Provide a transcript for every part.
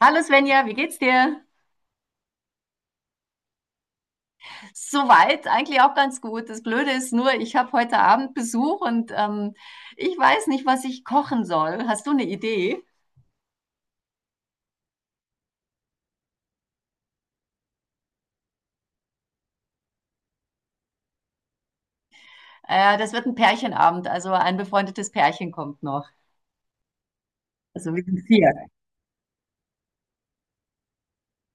Hallo Svenja, wie geht's dir? Soweit eigentlich auch ganz gut. Das Blöde ist nur, ich habe heute Abend Besuch und ich weiß nicht, was ich kochen soll. Hast du eine Idee? Das wird ein Pärchenabend, also ein befreundetes Pärchen kommt noch. Also wir sind vier.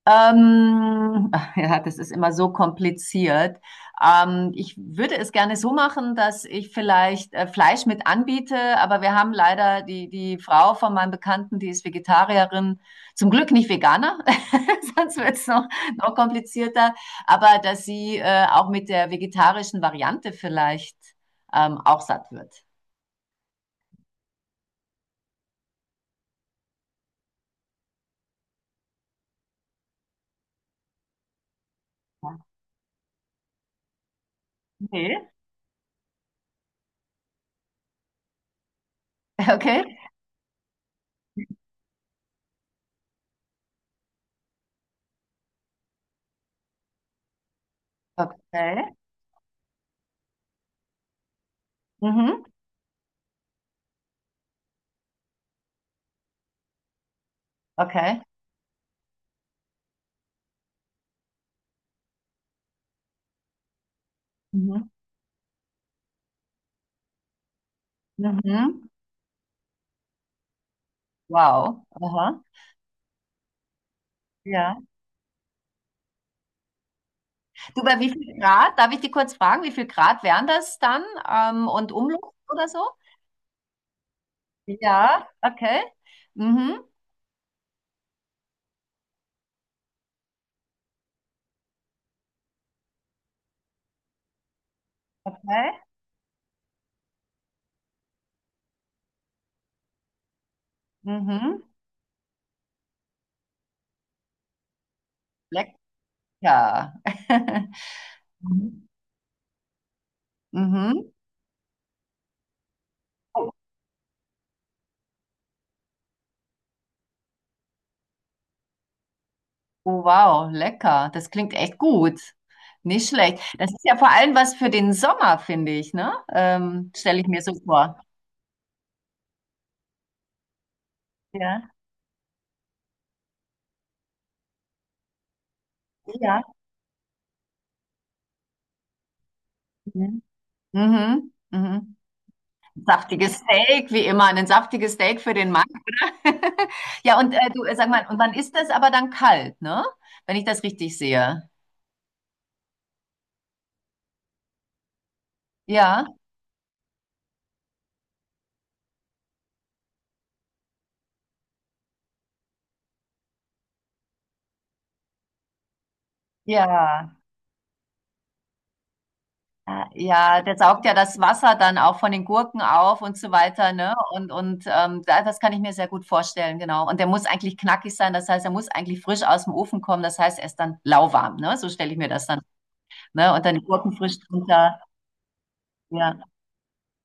Ähm, ja, das ist immer so kompliziert. Ich würde es gerne so machen, dass ich vielleicht Fleisch mit anbiete, aber wir haben leider die Frau von meinem Bekannten, die ist Vegetarierin, zum Glück nicht Veganer, sonst wird es noch, noch komplizierter, aber dass sie auch mit der vegetarischen Variante vielleicht auch satt wird. Okay. Okay. Okay. Mhm. Okay. Mhm. Mhm. Wow. Aha. Ja. Du, bei wie viel Grad? Darf ich dich kurz fragen, wie viel Grad wären das dann? Und Umluft oder so? Ja, okay. Mhm, okay. Mhm. Lecker. Mhm. Mhm. Oh, wow, lecker. Das klingt echt gut. Nicht schlecht. Das ist ja vor allem was für den Sommer, finde ich, ne? Stelle ich mir so vor. Ja, ja. Mhm. Mhm. Mhm. Saftiges Steak, wie immer. Ein saftiges Steak für den. Ja, und du, sag mal, und wann ist das aber dann kalt, ne? Wenn ich das richtig sehe. Ja, ja. Ah, ja, der saugt ja das Wasser dann auch von den Gurken auf und so weiter, ne? Und das kann ich mir sehr gut vorstellen, genau. Und der muss eigentlich knackig sein, das heißt, er muss eigentlich frisch aus dem Ofen kommen, das heißt, er ist dann lauwarm, ne? So stelle ich mir das dann, ne? Und dann die Gurken frisch drunter. Ja,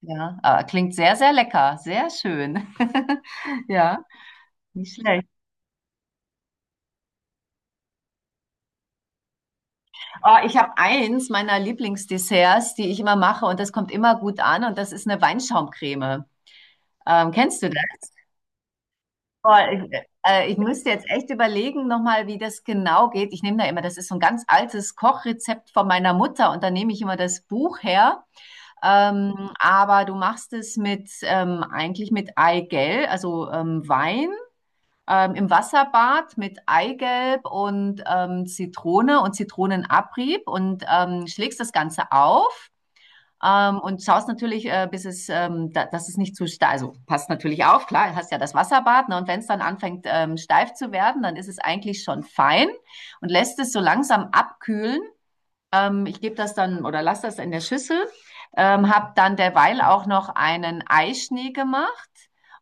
ja. Ah, klingt sehr, sehr lecker, sehr schön. Ja, nicht schlecht. Oh, ich habe eins meiner Lieblingsdesserts, die ich immer mache und das kommt immer gut an und das ist eine Weinschaumcreme. Kennst du das? Oh, ich müsste jetzt echt überlegen nochmal, wie das genau geht. Ich nehme da immer, das ist so ein ganz altes Kochrezept von meiner Mutter und da nehme ich immer das Buch her. Aber du machst es mit eigentlich mit Eigelb, also Wein im Wasserbad mit Eigelb und Zitrone und Zitronenabrieb und schlägst das Ganze auf. Und schaust natürlich, dass es nicht zu steif, also passt natürlich auf, klar, hast ja das Wasserbad, ne, und wenn es dann anfängt steif zu werden, dann ist es eigentlich schon fein und lässt es so langsam abkühlen. Ich gebe das dann oder lasse das in der Schüssel. Habe dann derweil auch noch einen Eischnee gemacht.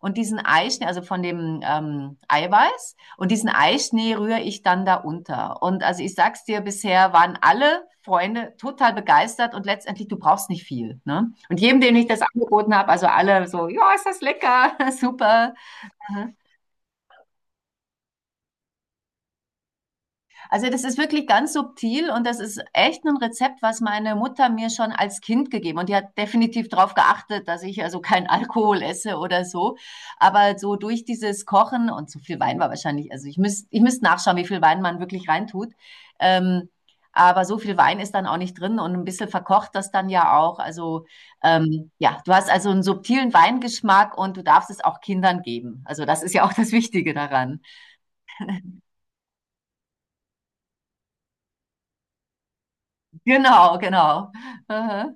Und diesen Eischnee, also von dem Eiweiß, und diesen Eischnee rühre ich dann da unter. Und also ich sag's dir, bisher waren alle Freunde total begeistert und letztendlich, du brauchst nicht viel. Ne? Und jedem, dem ich das angeboten habe, also alle so, ja, ist das lecker, super. Also das ist wirklich ganz subtil und das ist echt ein Rezept, was meine Mutter mir schon als Kind gegeben und die hat definitiv darauf geachtet, dass ich also keinen Alkohol esse oder so. Aber so durch dieses Kochen und so viel Wein war wahrscheinlich, also ich müsst nachschauen, wie viel Wein man wirklich reintut. Ähm, aber so viel Wein ist dann auch nicht drin und ein bisschen verkocht das dann ja auch. Also ja, du hast also einen subtilen Weingeschmack und du darfst es auch Kindern geben. Also das ist ja auch das Wichtige daran. Genau, genau. Aha.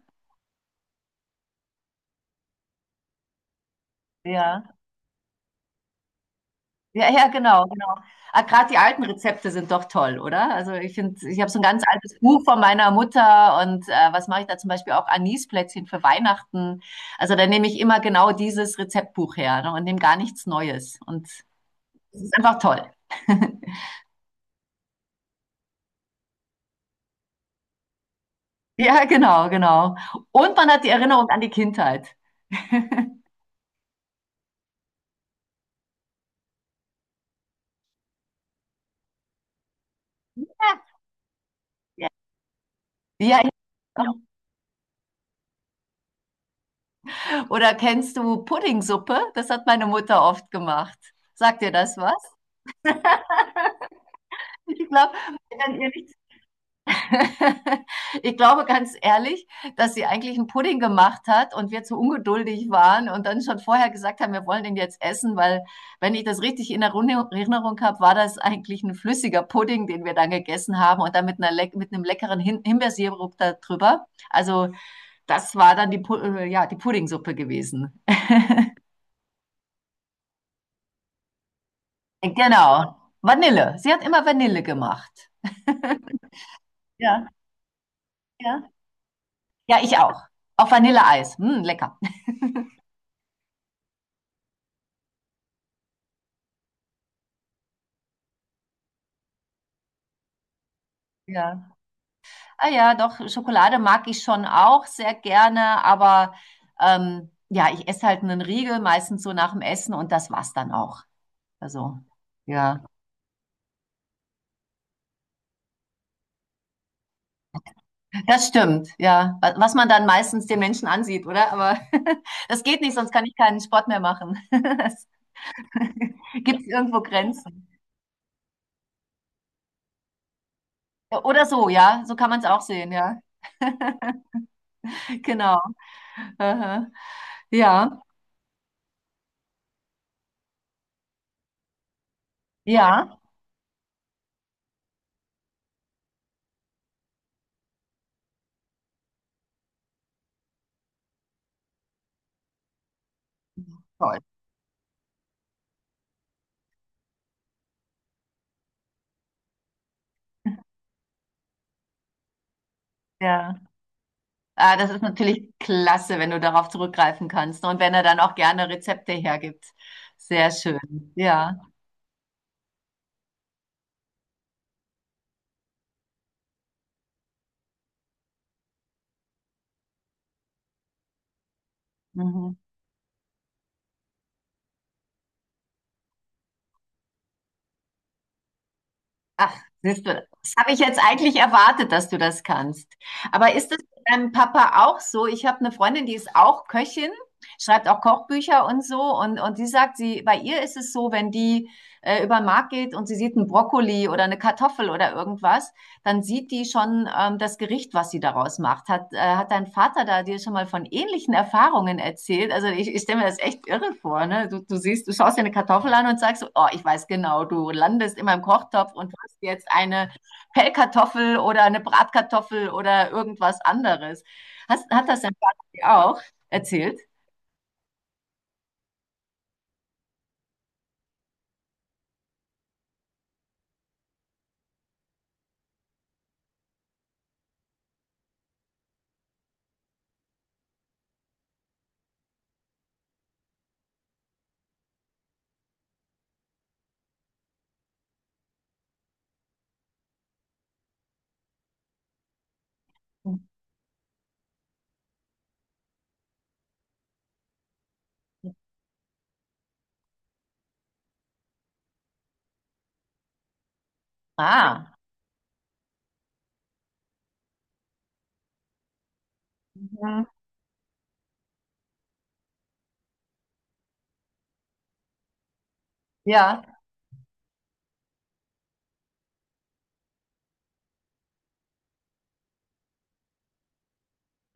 Ja. Ja, ja, genau, genau. Ah, gerade die alten Rezepte sind doch toll, oder? Also ich finde, ich habe so ein ganz altes Buch von meiner Mutter und was mache ich da zum Beispiel auch Anisplätzchen für Weihnachten. Also da nehme ich immer genau dieses Rezeptbuch her, ne, und nehme gar nichts Neues. Und es ist einfach toll. Ja, genau, genau. Und man hat die Erinnerung an die Kindheit. Ja, ja. Oder kennst du Puddingsuppe? Das hat meine Mutter oft gemacht. Sagt dir das was? Ich glaube, wenn ihr nicht ich glaube ganz ehrlich, dass sie eigentlich einen Pudding gemacht hat und wir zu ungeduldig waren und dann schon vorher gesagt haben: „Wir wollen den jetzt essen“, weil wenn ich das richtig in Erinnerung habe, war das eigentlich ein flüssiger Pudding, den wir dann gegessen haben und dann mit 'ner leck mit 'nem leckeren Himbeersirup da drüber. Also, das war dann die Pu ja, die Puddingsuppe gewesen. Genau, Vanille. Sie hat immer Vanille gemacht. Ja, ja. Ja, ich auch. Auf Vanilleeis. Hm, lecker. Ja. Ah ja, doch, Schokolade mag ich schon auch sehr gerne, aber ja, ich esse halt einen Riegel, meistens so nach dem Essen und das war's dann auch. Also, ja, das stimmt, ja. Was man dann meistens den Menschen ansieht, oder? Aber das geht nicht, sonst kann ich keinen Sport mehr machen. Es gibt irgendwo Grenzen? Oder so, ja, so kann man es auch sehen, ja. Genau. Aha. Ja, ja. Toll. Ja. Ah, das ist natürlich klasse, wenn du darauf zurückgreifen kannst und wenn er dann auch gerne Rezepte hergibt. Sehr schön. Ja. Mhm. Ach, siehst du, das habe ich jetzt eigentlich erwartet, dass du das kannst. Aber ist das bei deinem Papa auch so? Ich habe eine Freundin, die ist auch Köchin, schreibt auch Kochbücher und so und die sagt, sie bei ihr ist es so, wenn die über den Markt geht und sie sieht einen Brokkoli oder eine Kartoffel oder irgendwas, dann sieht die schon das Gericht, was sie daraus macht. Hat dein Vater da dir schon mal von ähnlichen Erfahrungen erzählt? Also ich stelle mir das echt irre vor, ne? Du siehst, du schaust dir eine Kartoffel an und sagst, oh, ich weiß genau, du landest in meinem Kochtopf und hast jetzt eine Pellkartoffel oder eine Bratkartoffel oder irgendwas anderes. Hat das dein Vater dir auch erzählt? Ah, mhm, ja,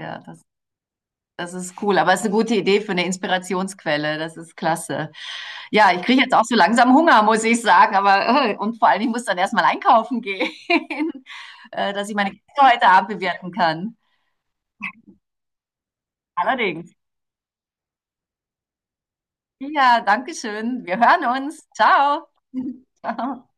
ja, das Das ist cool, aber es ist eine gute Idee für eine Inspirationsquelle. Das ist klasse. Ja, ich kriege jetzt auch so langsam Hunger, muss ich sagen. Aber und vor allem, ich muss dann erstmal einkaufen gehen, dass ich meine Kinder heute Abend bewirten kann. Allerdings. Ja, danke schön. Wir hören uns. Ciao. Ciao.